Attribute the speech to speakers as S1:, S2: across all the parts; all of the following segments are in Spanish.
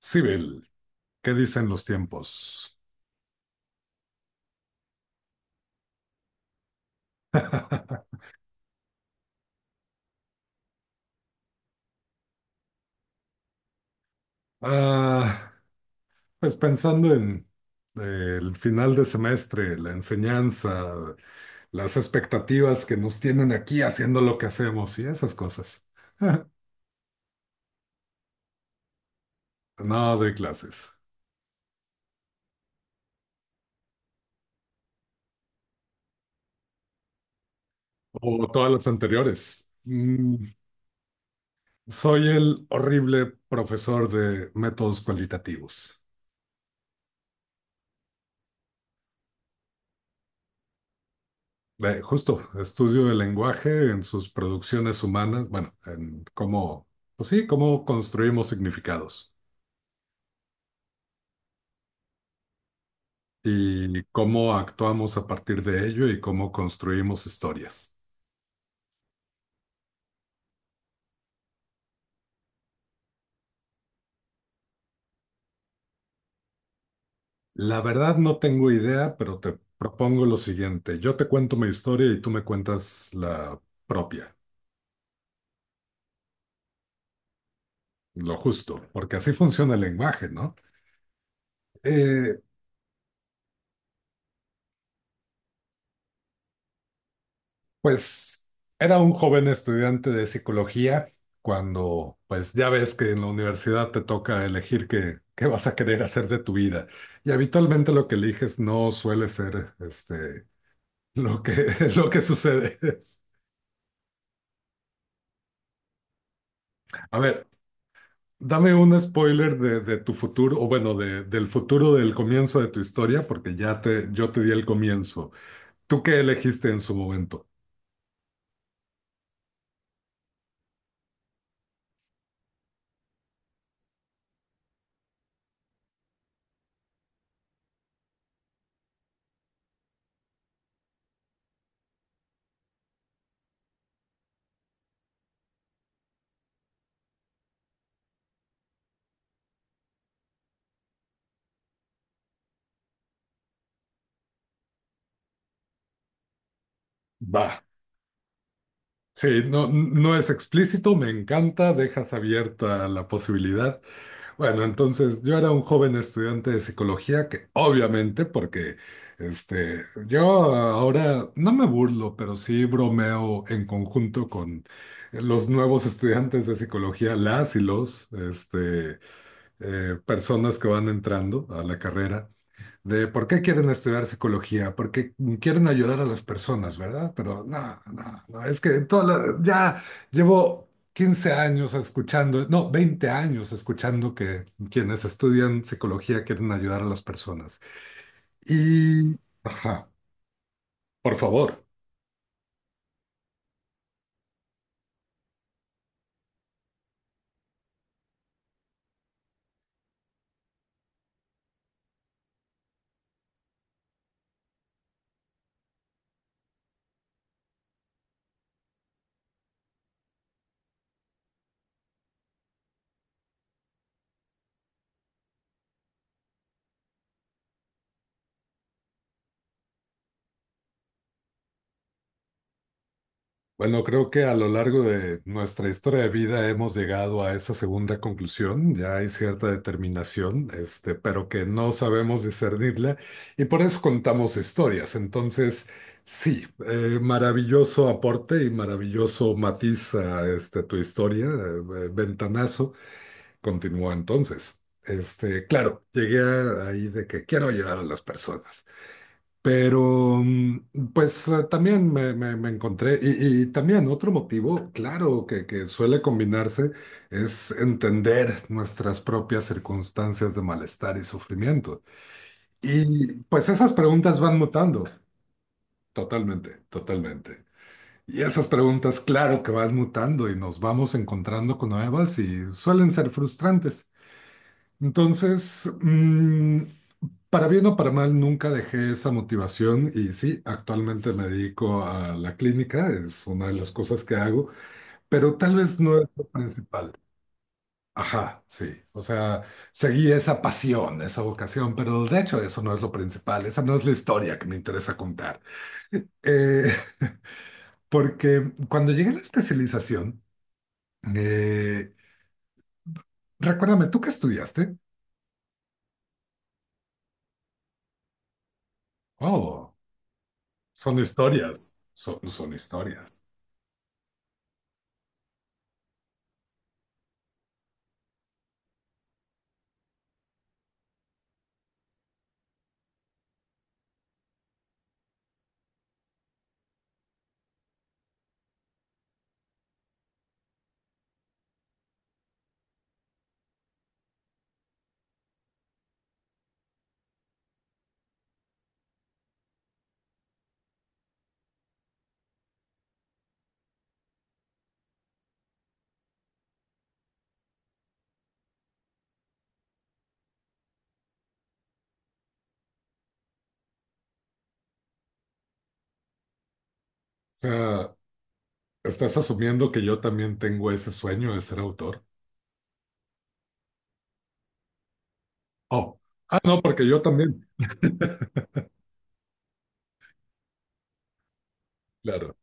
S1: Sibyl, ¿qué dicen los tiempos? Ah, pues pensando en el final de semestre, la enseñanza, las expectativas que nos tienen aquí haciendo lo que hacemos y esas cosas. No doy clases, o todas las anteriores. Soy el horrible profesor de métodos cualitativos. Justo, estudio del lenguaje en sus producciones humanas, bueno, en cómo, pues sí, cómo construimos significados y cómo actuamos a partir de ello y cómo construimos historias. La verdad no tengo idea, pero te propongo lo siguiente. Yo te cuento mi historia y tú me cuentas la propia, lo justo, porque así funciona el lenguaje, ¿no? Eh, Pues era un joven estudiante de psicología cuando, pues ya ves que en la universidad te toca elegir qué vas a querer hacer de tu vida. Y habitualmente lo que eliges no suele ser lo que, lo que sucede. A ver, dame un spoiler de tu futuro, o bueno, de, del futuro del comienzo de tu historia, porque yo te di el comienzo. ¿Tú qué elegiste en su momento? Va. Sí, no, no es explícito, me encanta, dejas abierta la posibilidad. Bueno, entonces yo era un joven estudiante de psicología que obviamente, porque yo ahora no me burlo, pero sí bromeo en conjunto con los nuevos estudiantes de psicología, las y los personas que van entrando a la carrera de por qué quieren estudiar psicología, porque quieren ayudar a las personas, ¿verdad? Pero no, no, no, es que ya llevo 15 años escuchando, no, 20 años escuchando que quienes estudian psicología quieren ayudar a las personas. Y, ajá, por favor. Bueno, creo que a lo largo de nuestra historia de vida hemos llegado a esa segunda conclusión, ya hay cierta determinación, pero que no sabemos discernirla y por eso contamos historias. Entonces, sí, maravilloso aporte y maravilloso matiz a este, tu historia, ventanazo. Continúa entonces. Claro, llegué ahí de que quiero ayudar a las personas. Pero, pues también me encontré, y también otro motivo, claro, que suele combinarse es entender nuestras propias circunstancias de malestar y sufrimiento. Y pues esas preguntas van mutando, totalmente, totalmente. Y esas preguntas, claro que van mutando y nos vamos encontrando con nuevas y suelen ser frustrantes. Entonces, para bien o para mal, nunca dejé esa motivación y sí, actualmente me dedico a la clínica, es una de las cosas que hago, pero tal vez no es lo principal. Ajá, sí, o sea, seguí esa pasión, esa vocación, pero de hecho eso no es lo principal, esa no es la historia que me interesa contar. Eh, Porque cuando llegué a la especialización, eh, recuérdame, ¿tú qué estudiaste? Oh, son historias, son historias. O sea, estás asumiendo que yo también tengo ese sueño de ser autor. Oh, ah, no, porque yo también. Claro.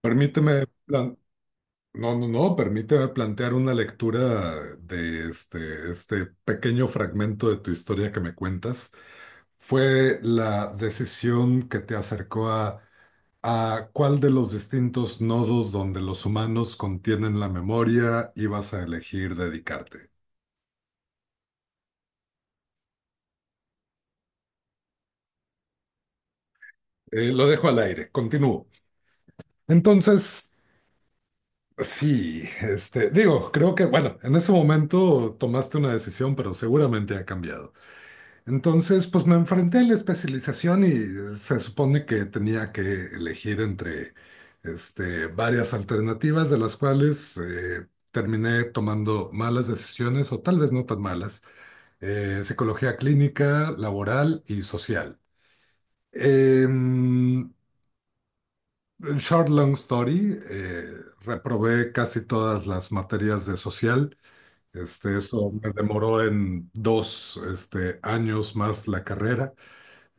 S1: Permíteme, no, no, no, permíteme plantear una lectura de este pequeño fragmento de tu historia que me cuentas. ¿Fue la decisión que te acercó a cuál de los distintos nodos donde los humanos contienen la memoria ibas a elegir dedicarte? Lo dejo al aire, continúo. Entonces, sí, digo, creo que, bueno, en ese momento tomaste una decisión, pero seguramente ha cambiado. Entonces, pues me enfrenté a la especialización y se supone que tenía que elegir entre, varias alternativas, de las cuales terminé tomando malas decisiones o tal vez no tan malas, psicología clínica, laboral y social. Em, short long story, reprobé casi todas las materias de social. Eso me demoró en dos años más la carrera.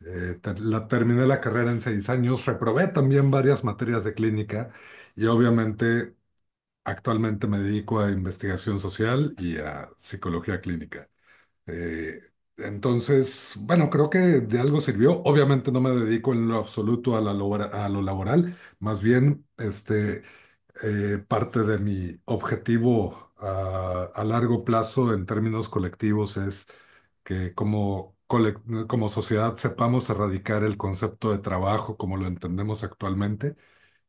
S1: Terminé la carrera en 6 años, reprobé también varias materias de clínica y obviamente actualmente me dedico a investigación social y a psicología clínica. Eh, entonces, bueno, creo que de algo sirvió. Obviamente no me dedico en lo absoluto a lo laboral, más bien parte de mi objetivo a largo plazo en términos colectivos es que como sociedad sepamos erradicar el concepto de trabajo como lo entendemos actualmente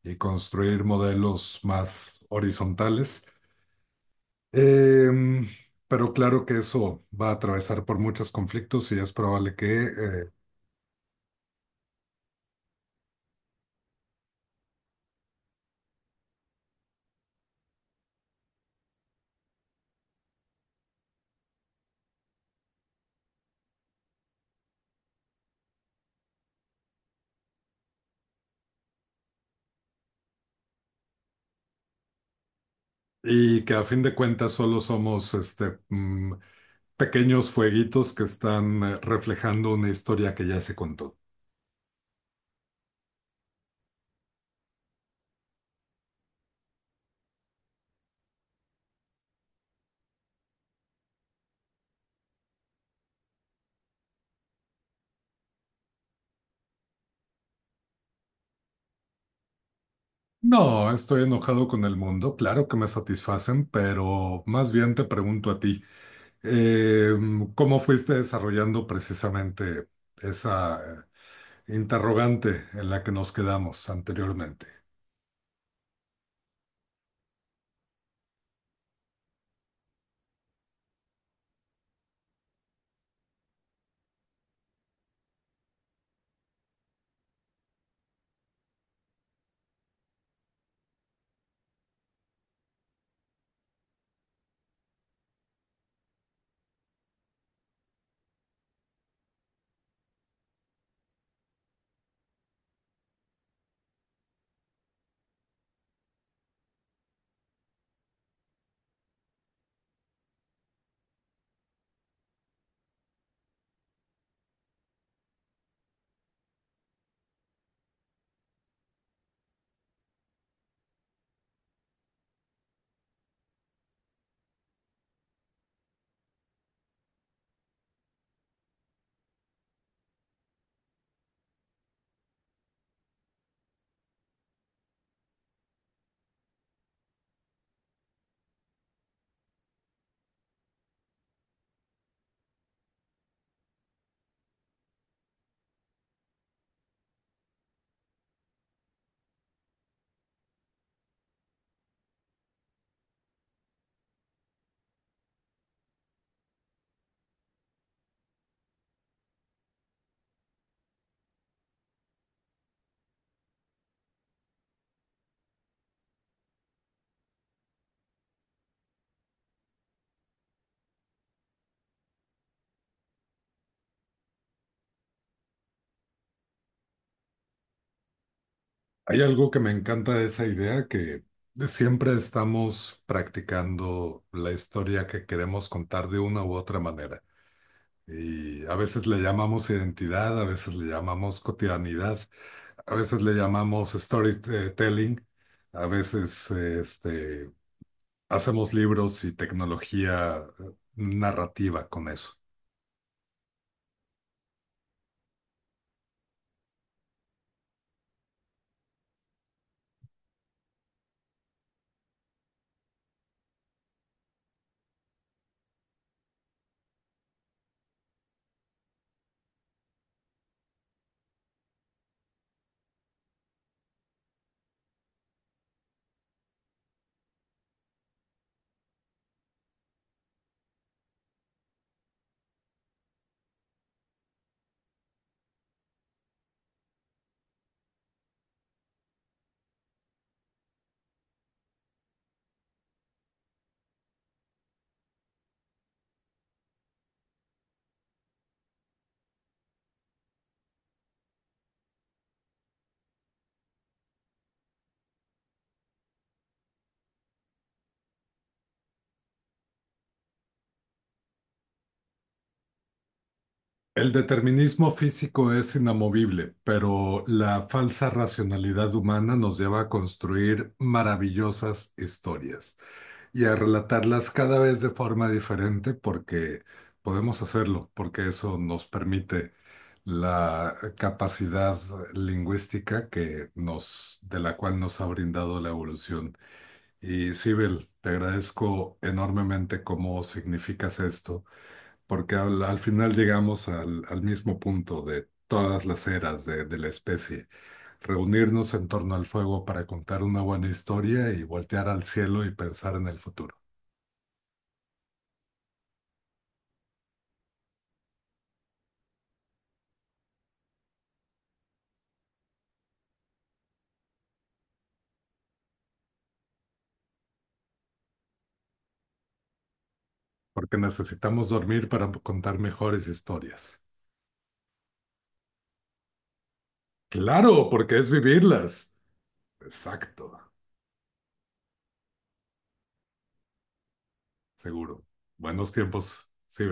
S1: y construir modelos más horizontales. Em, pero claro que eso va a atravesar por muchos conflictos y es probable que Y que a fin de cuentas solo somos pequeños fueguitos que están reflejando una historia que ya se contó. No, estoy enojado con el mundo, claro que me satisfacen, pero más bien te pregunto a ti, eh, ¿cómo fuiste desarrollando precisamente esa interrogante en la que nos quedamos anteriormente? Hay algo que me encanta de esa idea, que siempre estamos practicando la historia que queremos contar de una u otra manera. Y a veces le llamamos identidad, a veces le llamamos cotidianidad, a veces le llamamos storytelling, a veces hacemos libros y tecnología narrativa con eso. El determinismo físico es inamovible, pero la falsa racionalidad humana nos lleva a construir maravillosas historias y a relatarlas cada vez de forma diferente porque podemos hacerlo, porque eso nos permite la capacidad lingüística de la cual nos ha brindado la evolución. Y Sibel, te agradezco enormemente cómo significas esto porque al final llegamos al mismo punto de todas las eras de la especie. Reunirnos en torno al fuego para contar una buena historia y voltear al cielo y pensar en el futuro, porque necesitamos dormir para contar mejores historias. Claro, porque es vivirlas. Exacto, seguro. Buenos tiempos, sí,